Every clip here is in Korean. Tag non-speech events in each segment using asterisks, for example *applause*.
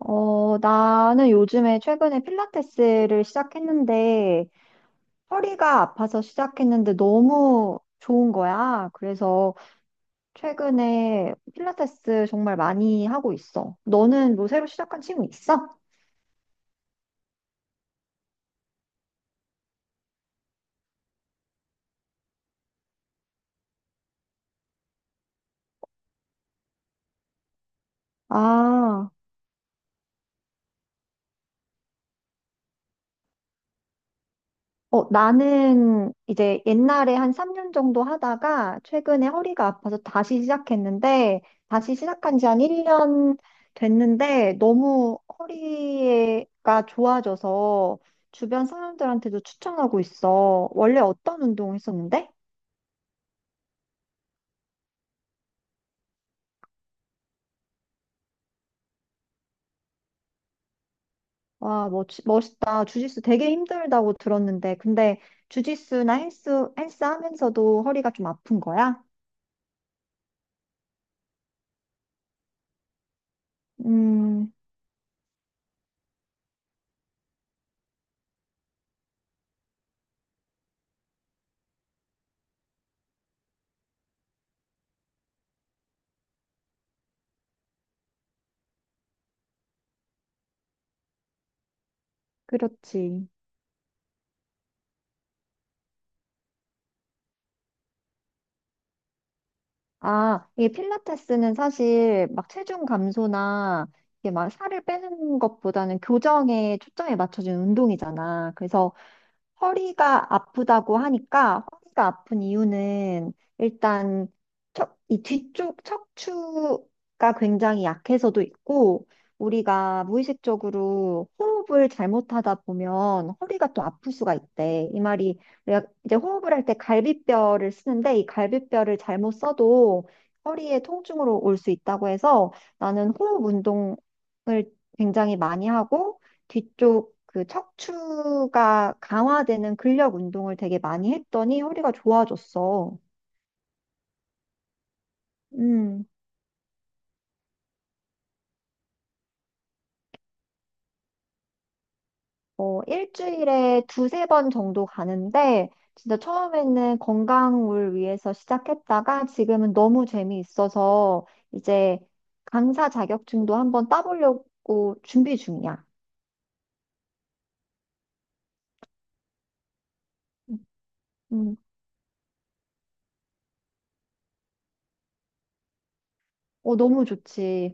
어, 나는 요즘에 최근에 필라테스를 시작했는데 허리가 아파서 시작했는데 너무 좋은 거야. 그래서 최근에 필라테스 정말 많이 하고 있어. 너는 뭐 새로 시작한 친구 있어? 아. 어, 나는 이제 옛날에 한 3년 정도 하다가 최근에 허리가 아파서 다시 시작했는데, 다시 시작한 지 한 1년 됐는데, 너무 허리가 좋아져서 주변 사람들한테도 추천하고 있어. 원래 어떤 운동 했었는데? 와, 멋있다. 주짓수 되게 힘들다고 들었는데, 근데 주짓수나 헬스 하면서도 허리가 좀 아픈 거야? 음, 그렇지. 아, 이게 필라테스는 사실 막 체중 감소나 이게 막 살을 빼는 것보다는 교정에 초점이 맞춰진 운동이잖아. 그래서 허리가 아프다고 하니까 허리가 아픈 이유는 일단 이 뒤쪽 척추가 굉장히 약해서도 있고 우리가 무의식적으로 호흡을 잘못하다 보면 허리가 또 아플 수가 있대. 이 말이 내가 이제 호흡을 할 때 갈비뼈를 쓰는데 이 갈비뼈를 잘못 써도 허리에 통증으로 올 수 있다고 해서 나는 호흡 운동을 굉장히 많이 하고 뒤쪽 그 척추가 강화되는 근력 운동을 되게 많이 했더니 허리가 좋아졌어. 음, 어, 일주일에 두세 번 정도 가는데 진짜 처음에는 건강을 위해서 시작했다가 지금은 너무 재미있어서 이제 강사 자격증도 한번 따보려고 준비 중이야. 음, 어, 너무 좋지.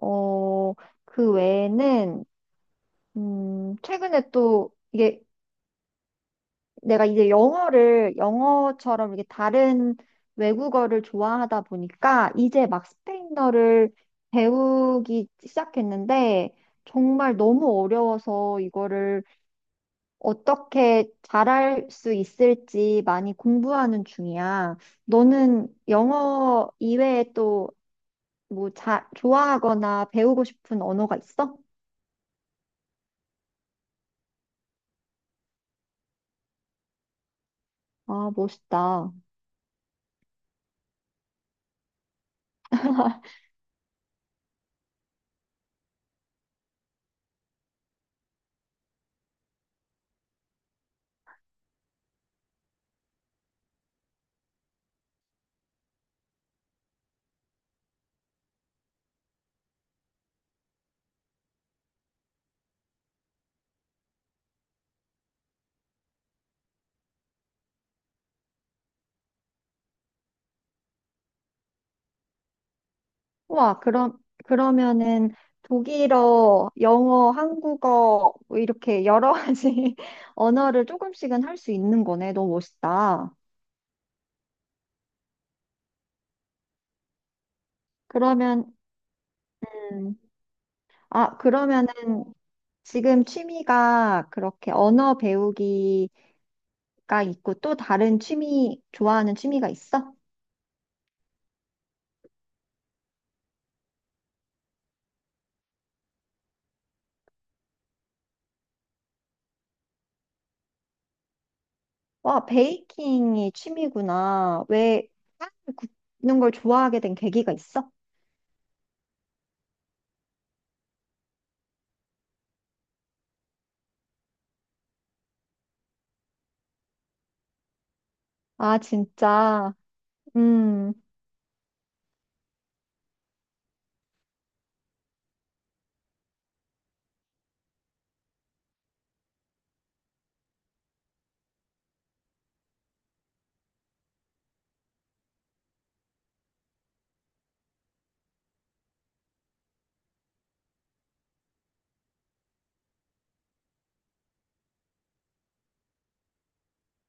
어, 그 외에는, 최근에 또 이게 내가 이제 영어를 영어처럼 이렇게 다른 외국어를 좋아하다 보니까 이제 막 스페인어를 배우기 시작했는데 정말 너무 어려워서 이거를 어떻게 잘할 수 있을지 많이 공부하는 중이야. 너는 영어 이외에 또 뭐 좋아하거나 배우고 싶은 언어가 있어? 아, 멋있다. 와, 그러면은 독일어, 영어, 한국어, 뭐 이렇게 여러 가지 *laughs* 언어를 조금씩은 할 수 있는 거네. 너무 멋있다. 그러면, 음, 아, 그러면은 지금 취미가 그렇게 언어 배우기 가 있고 또 다른 취미, 좋아하는 취미가 있어? 와, 베이킹이 취미구나. 왜 빵을 굽는 걸 좋아하게 된 계기가 있어? 아, 진짜. 음.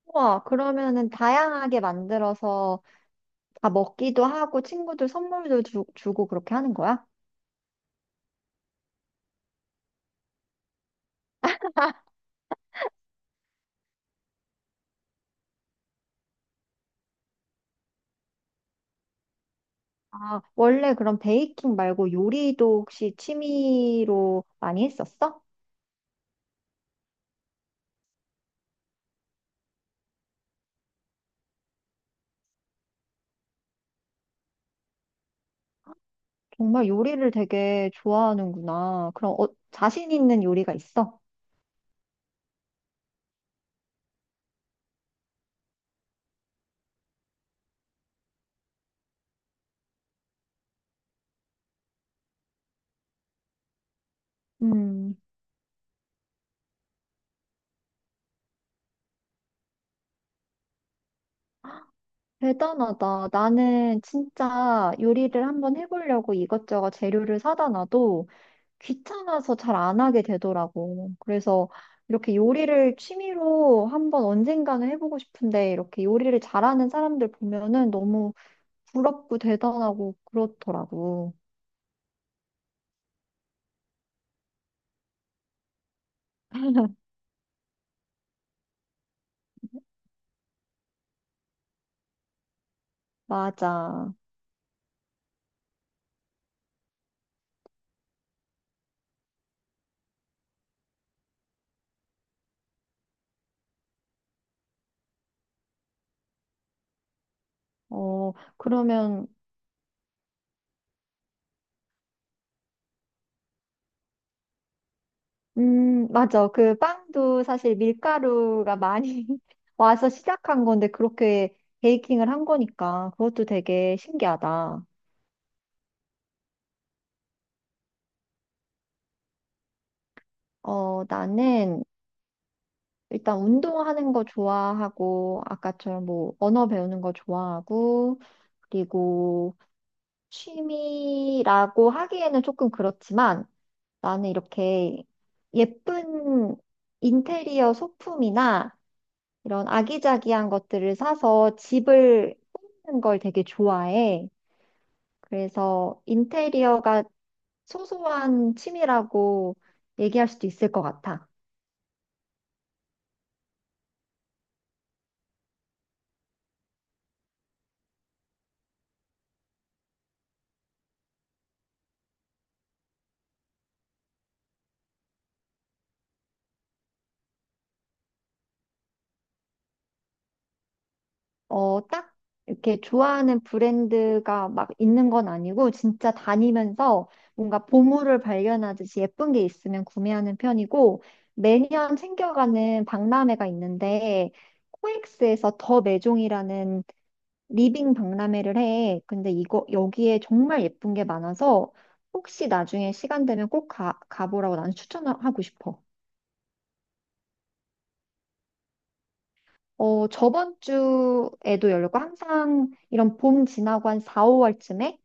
와, 그러면은 다양하게 만들어서 아, 먹기도 하고 친구들 선물도 주고 그렇게 하는 거야? 아, 원래 그럼 베이킹 말고 요리도 혹시 취미로 많이 했었어? 정말 요리를 되게 좋아하는구나. 그럼 어, 자신 있는 요리가 있어? 음, 대단하다. 나는 진짜 요리를 한번 해보려고 이것저것 재료를 사다 놔도 귀찮아서 잘 안 하게 되더라고. 그래서 이렇게 요리를 취미로 한번 언젠가는 해보고 싶은데 이렇게 요리를 잘하는 사람들 보면은 너무 부럽고 대단하고 그렇더라고. 맞아. 어, 그러면, 맞아. 그 빵도 사실 밀가루가 많이 *laughs* 와서 시작한 건데 그렇게 베이킹을 한 거니까 그것도 되게 신기하다. 어, 나는 일단 운동하는 거 좋아하고, 아까처럼 뭐 언어 배우는 거 좋아하고, 그리고 취미라고 하기에는 조금 그렇지만 나는 이렇게 예쁜 인테리어 소품이나 이런 아기자기한 것들을 사서 집을 꾸미는 걸 되게 좋아해. 그래서 인테리어가 소소한 취미라고 얘기할 수도 있을 것 같아. 어, 딱 이렇게 좋아하는 브랜드가 막 있는 건 아니고 진짜 다니면서 뭔가 보물을 발견하듯이 예쁜 게 있으면 구매하는 편이고 매년 챙겨가는 박람회가 있는데 코엑스에서 더 매종이라는 리빙 박람회를 해. 근데 이거 여기에 정말 예쁜 게 많아서 혹시 나중에 시간 되면 꼭 가보라고 나는 추천하고 싶어. 어, 저번 주에도 열렸고 항상 이런 봄 지나고 한 4, 5월쯤에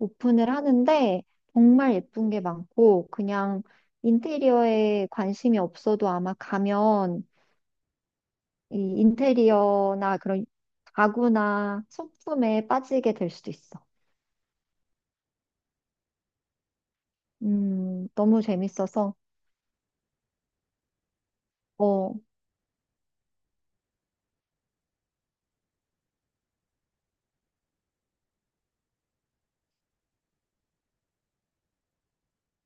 오픈을 하는데 정말 예쁜 게 많고 그냥 인테리어에 관심이 없어도 아마 가면 이 인테리어나 그런 가구나 소품에 빠지게 될 수도 있어. 너무 재밌어서. 어,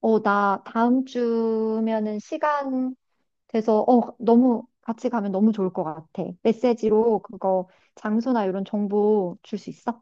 어, 나 다음 주면은 시간 돼서, 어, 너무 같이 가면 너무 좋을 것 같아. 메시지로 그거 장소나 이런 정보 줄 수 있어?